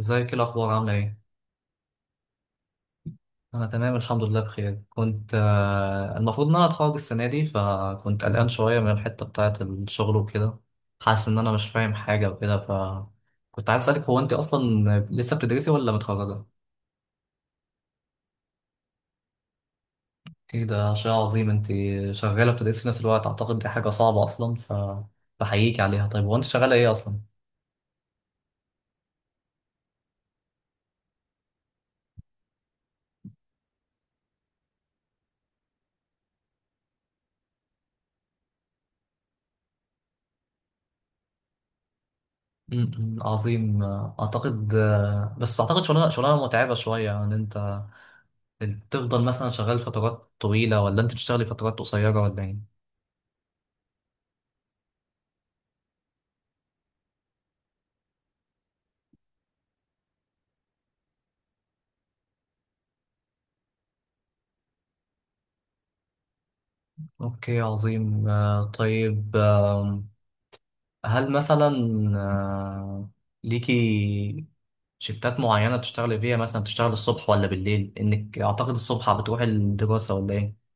ازيك؟ ايه الاخبار؟ عامله ايه؟ انا تمام الحمد لله بخير. كنت المفروض ان انا اتخرج السنه دي، فكنت قلقان شويه من الحته بتاعه الشغل وكده. حاسس ان انا مش فاهم حاجه وكده، فكنت عايز اسالك، هو انت اصلا لسه بتدرسي ولا متخرجه؟ ايه ده، شيء عظيم انت! شغاله بتدرسي في نفس الوقت، اعتقد دي حاجه صعبه اصلا، ف بحييك عليها. طيب هو انت شغاله ايه اصلا؟ م- م، عظيم. اعتقد بس اعتقد شغلانه متعبه شويه. ان انت انت تفضل مثلا شغال فترات طويلة، ولا انت بتشتغلي فترات قصيرة، ولا ايه؟ اوكي، عظيم. طيب هل مثلا آه، ليكي شفتات معينة بتشتغلي فيها؟ مثلا بتشتغلي الصبح ولا بالليل؟ انك اعتقد الصبح بتروحي الدراسة، ولا ايه؟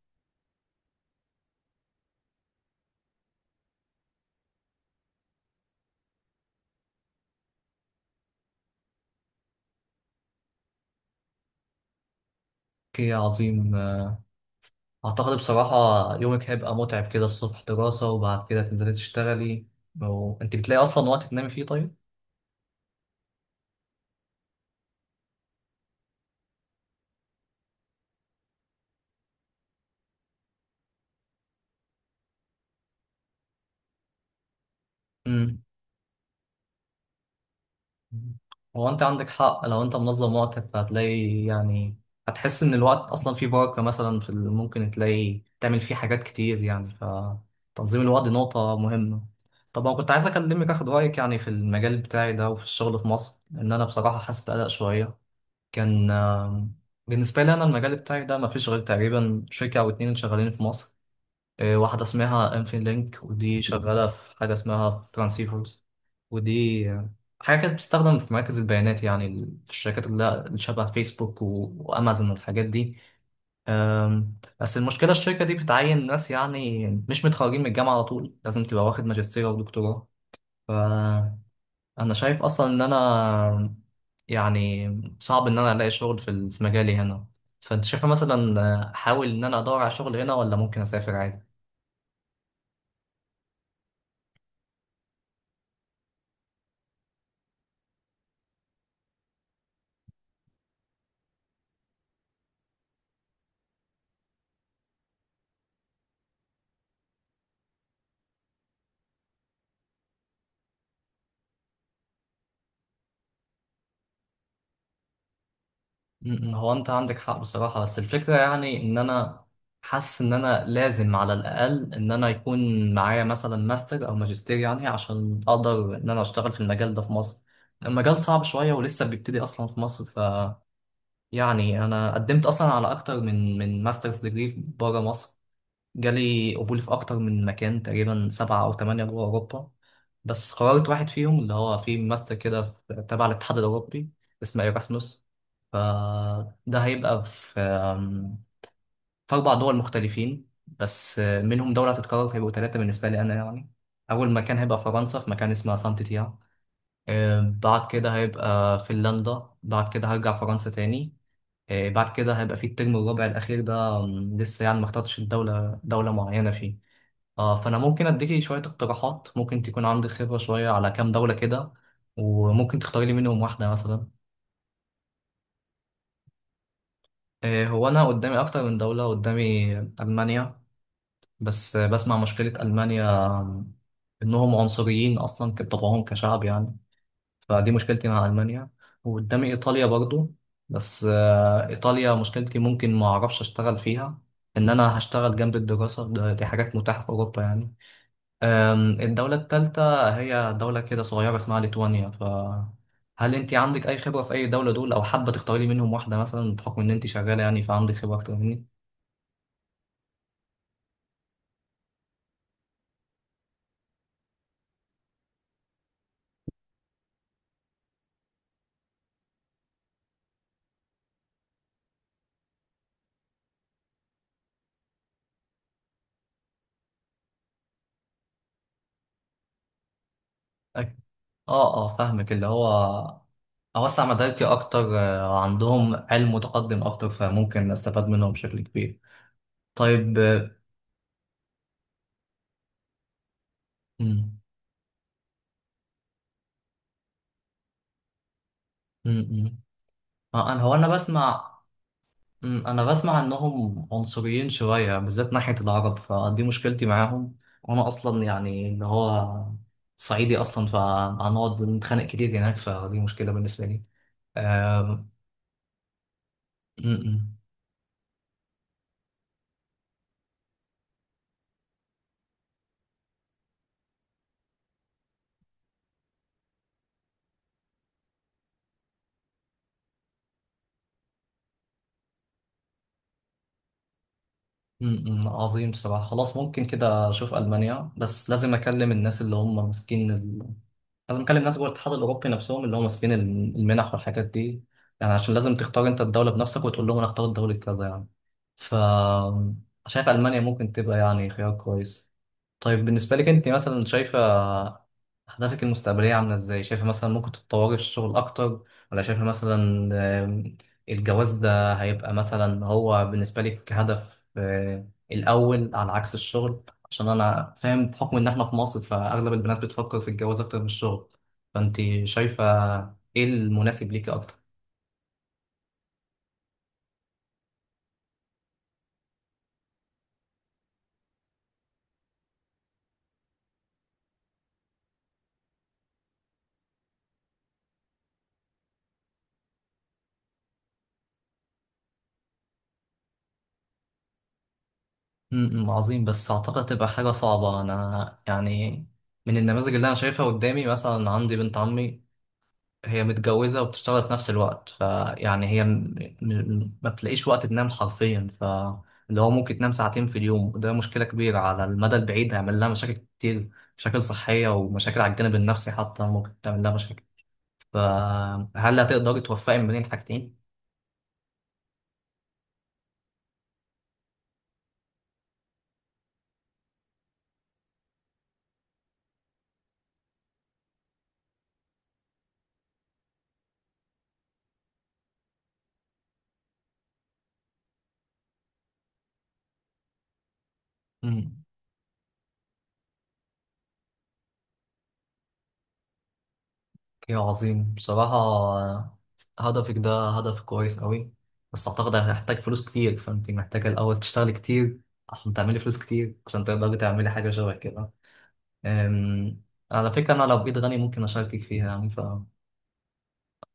اوكي، عظيم. اعتقد بصراحة يومك هيبقى متعب كده، الصبح دراسة وبعد كده تنزلي تشتغلي، وانت بتلاقي اصلا وقت تنامي فيه طيب؟ مم. هو انت عندك حق، لو انت منظم وقتك فهتلاقي يعني هتحس ان الوقت اصلا فيه بركة. مثلا في ال- ممكن تلاقي تعمل فيه حاجات كتير يعني، فتنظيم الوقت دي نقطة مهمة. طب انا كنت عايز اكلمك اخد رأيك يعني في المجال بتاعي ده وفي الشغل في مصر، لان انا بصراحة حاسس بقلق شوية. كان بالنسبة لي انا المجال بتاعي ده مفيش غير تقريبا شركة او اتنين شغالين في مصر. إيه، واحدة اسمها انفين لينك، ودي شغالة في حاجة اسمها ترانسيفرز. ودي حاجة كانت بتستخدم في مراكز البيانات، يعني ال- في الشركات اللي شبه فيسبوك وأمازون والحاجات دي. بس المشكلة الشركة دي بتعين ناس يعني مش متخرجين من الجامعة على طول، لازم تبقى واخد ماجستير أو دكتوراه. فأنا شايف أصلا إن أنا يعني صعب إن أنا ألاقي شغل في ال- في مجالي هنا. فأنت شايفة مثلا أحاول إن أنا أدور على شغل هنا، ولا ممكن أسافر عادي؟ هو انت عندك حق بصراحة، بس الفكرة يعني ان انا حاسس ان انا لازم على الاقل ان انا يكون معايا مثلا ماستر او ماجستير، يعني عشان اقدر ان انا اشتغل في المجال ده في مصر. المجال صعب شوية ولسه بيبتدي اصلا في مصر، ف يعني انا قدمت اصلا على اكتر من ماسترز ديجري بره مصر. جالي قبول في أكتر من مكان، تقريبا سبعة أو تمانية جوه أوروبا. بس قررت واحد فيهم اللي هو في ماستر كده، تبع الاتحاد الأوروبي، اسمه إيراسموس. فده هيبقى في في أربع دول مختلفين، بس منهم دولة هتتكرر، فيبقوا تلاتة بالنسبة لي أنا يعني. أول مكان هيبقى فرنسا، في مكان اسمه سانت تيا. بعد كده هيبقى فنلندا، بعد كده هرجع فرنسا تاني. بعد كده هيبقى في الترم الرابع الأخير ده لسه يعني ما اخترتش دولة معينة فيه. آه، فأنا ممكن أديكي شوية اقتراحات، ممكن تكون عندك خبرة شوية على كام دولة كده، وممكن تختاري لي منهم واحدة مثلا. آه، هو أنا قدامي أكتر من دولة. قدامي ألمانيا، بس بسمع مشكلة ألمانيا إنهم عنصريين أصلا كطبعهم كشعب يعني، فدي مشكلتي مع ألمانيا. وقدامي إيطاليا برضو، بس إيطاليا مشكلتي ممكن ما أعرفش أشتغل فيها، إن أنا هشتغل جنب الدراسة، دي حاجات متاحة في أوروبا يعني. الدولة التالتة هي دولة كده صغيرة اسمها ليتوانيا. فهل أنت عندك أي خبرة في أي دولة دول، أو حابة تختاري لي منهم واحدة مثلا بحكم إن أنت شغالة يعني فعندك خبرة أكتر مني؟ أي. آه آه، فاهمك. اللي هو أوسع مداركي أكتر، عندهم علم متقدم أكتر فممكن أستفاد منهم بشكل كبير. طيب. مم. مم. مم. انا انا بسمع. مم. انا بسمع انهم عنصريين شويه بالذات ناحيه العرب، فدي مشكلتي معاهم. وانا اصلا يعني اللي هو صعيدي اصلا، فهنقعد نتخانق كتير هناك، فدي مشكله بالنسبه لي. آم، مم. مم. مم. عظيم بصراحه. خلاص ممكن كده اشوف المانيا، بس لازم اكلم الناس اللي هم ماسكين، لازم اكلم ناس جوه الاتحاد الاوروبي نفسهم اللي هم ماسكين المنح والحاجات دي، يعني عشان لازم تختار انت الدوله بنفسك وتقول لهم انا اختار دوله كذا يعني. ف شايف المانيا ممكن تبقى يعني خيار كويس. طيب بالنسبة لك انت، مثلا شايفة أهدافك المستقبلية عاملة ازاي؟ شايفة مثلا ممكن تتطوري في الشغل أكتر، ولا شايفة مثلا آم، الجواز ده هيبقى مثلا هو بالنسبة لك هدف الأول على عكس الشغل؟ عشان أنا فاهم بحكم إن احنا في مصر فأغلب البنات بتفكر في الجواز أكتر من الشغل، فأنت شايفة ايه المناسب ليكي أكتر؟ امم، عظيم. بس أعتقد تبقى حاجة صعبة. أنا يعني من النماذج اللي أنا شايفها قدامي، مثلا عندي بنت عمي، هي متجوزة وبتشتغل في نفس الوقت، فيعني هي ما بتلاقيش وقت تنام حرفيا. ف اللي هو ممكن تنام ساعتين في اليوم، وده مشكلة كبيرة على المدى البعيد، هيعمل لها مشاكل كتير، مشاكل صحية ومشاكل على الجانب النفسي حتى ممكن تعمل لها مشاكل. فهل هتقدري توفقي ما بين الحاجتين؟ امم. يا عظيم بصراحة، هدفك ده هدف كويس قوي، بس أعتقد هتحتاج فلوس كتير، فأنت محتاجة الأول تشتغلي كتير عشان تعملي فلوس كتير عشان تقدري تعملي حاجة شبه كده. أم، على فكرة أنا لو بإيد غني ممكن أشاركك فيها يعني، فأعتقد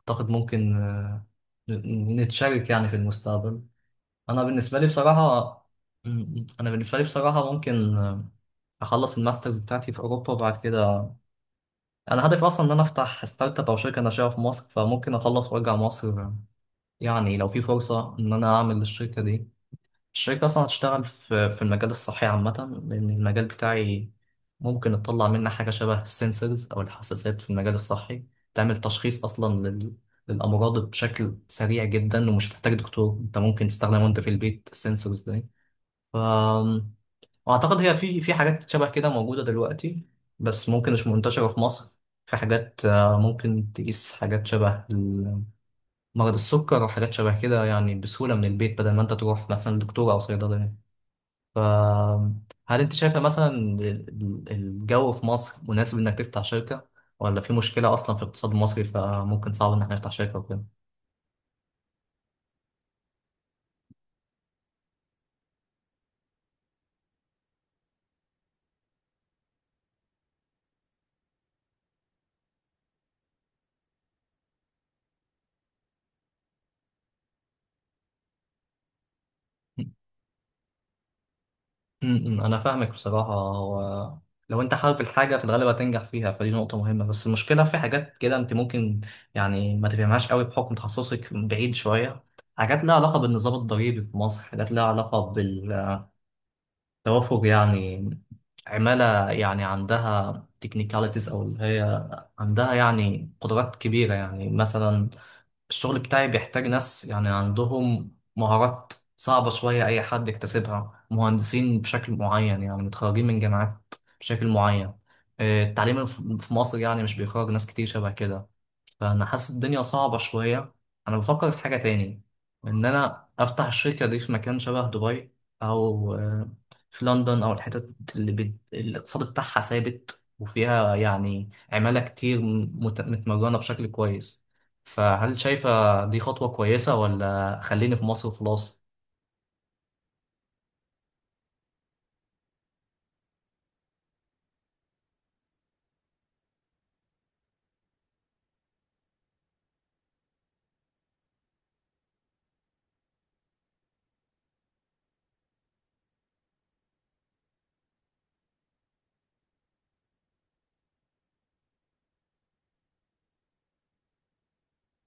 ممكن نتشارك يعني في المستقبل. أنا بالنسبة لي بصراحة أنا بالنسبة لي بصراحة ممكن أخلص الماسترز بتاعتي في أوروبا، وبعد كده أنا هدفي أصلا إن أنا أفتح ستارت أب أو شركة ناشئة في مصر، فممكن أخلص وأرجع مصر. يعني لو في فرصة إن أنا أعمل الشركة دي، الشركة أصلا هتشتغل في المجال الصحي عامة، لأن المجال بتاعي ممكن تطلع منه حاجة شبه السنسورز أو الحساسات في المجال الصحي، تعمل تشخيص أصلا للأمراض بشكل سريع جدا، ومش هتحتاج دكتور، أنت ممكن تستخدمه أنت في البيت، السنسورز دي. ف... وأعتقد هي في حاجات شبه كده موجودة دلوقتي، بس ممكن مش منتشرة في مصر. في حاجات ممكن تقيس حاجات شبه ال- مرض السكر وحاجات شبه كده يعني بسهولة من البيت، بدل ما أنت تروح مثلا دكتور أو صيدلية. فهل انت شايفة مثلا ال- الجو في مصر مناسب انك تفتح شركة، ولا في مشكلة اصلا في الاقتصاد المصري فممكن صعب ان احنا نفتح شركة وكده؟ انا فاهمك بصراحة. هو لو انت حابب الحاجة في الغالب هتنجح فيها، فدي نقطة مهمة. بس المشكلة في حاجات كده انت ممكن يعني ما تفهمهاش قوي بحكم تخصصك بعيد شوية. حاجات لها علاقة بالنظام الضريبي في مصر، حاجات لها علاقة توافق يعني عمالة، يعني عندها تكنيكاليتيز، أو اللي هي عندها يعني قدرات كبيرة. يعني مثلا الشغل بتاعي بيحتاج ناس يعني عندهم مهارات صعبة شوية، أي حد يكتسبها مهندسين بشكل معين يعني، متخرجين من جامعات بشكل معين. التعليم في مصر يعني مش بيخرج ناس كتير شبه كده. فانا حاسس الدنيا صعبة شوية. انا بفكر في حاجة تاني، ان انا افتح الشركة دي في مكان شبه دبي، او في لندن او الحتت اللي الاقتصاد بتاعها ثابت، وفيها يعني عمالة كتير متمرنة بشكل كويس. فهل شايفة دي خطوة كويسة، ولا خليني في مصر وخلاص؟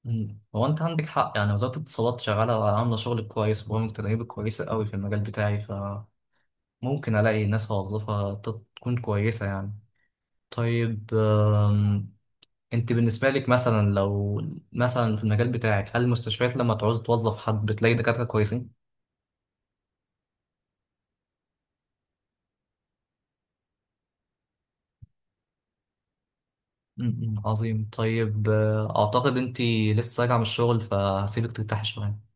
مم. هو انت عندك حق، يعني وزارة الاتصالات شغالة، عاملة شغل كويس وبرامج تدريب كويسة قوي في المجال بتاعي، فممكن الاقي ناس اوظفها تكون كويسة يعني. طيب انت بالنسبة لك مثلا لو مثلا في المجال بتاعك هل المستشفيات لما تعوز توظف حد بتلاقي دكاترة كويسين؟ م- م. عظيم. طيب اعتقد انت لسه راجعة من الشغل، فهسيبك ترتاحي شوية.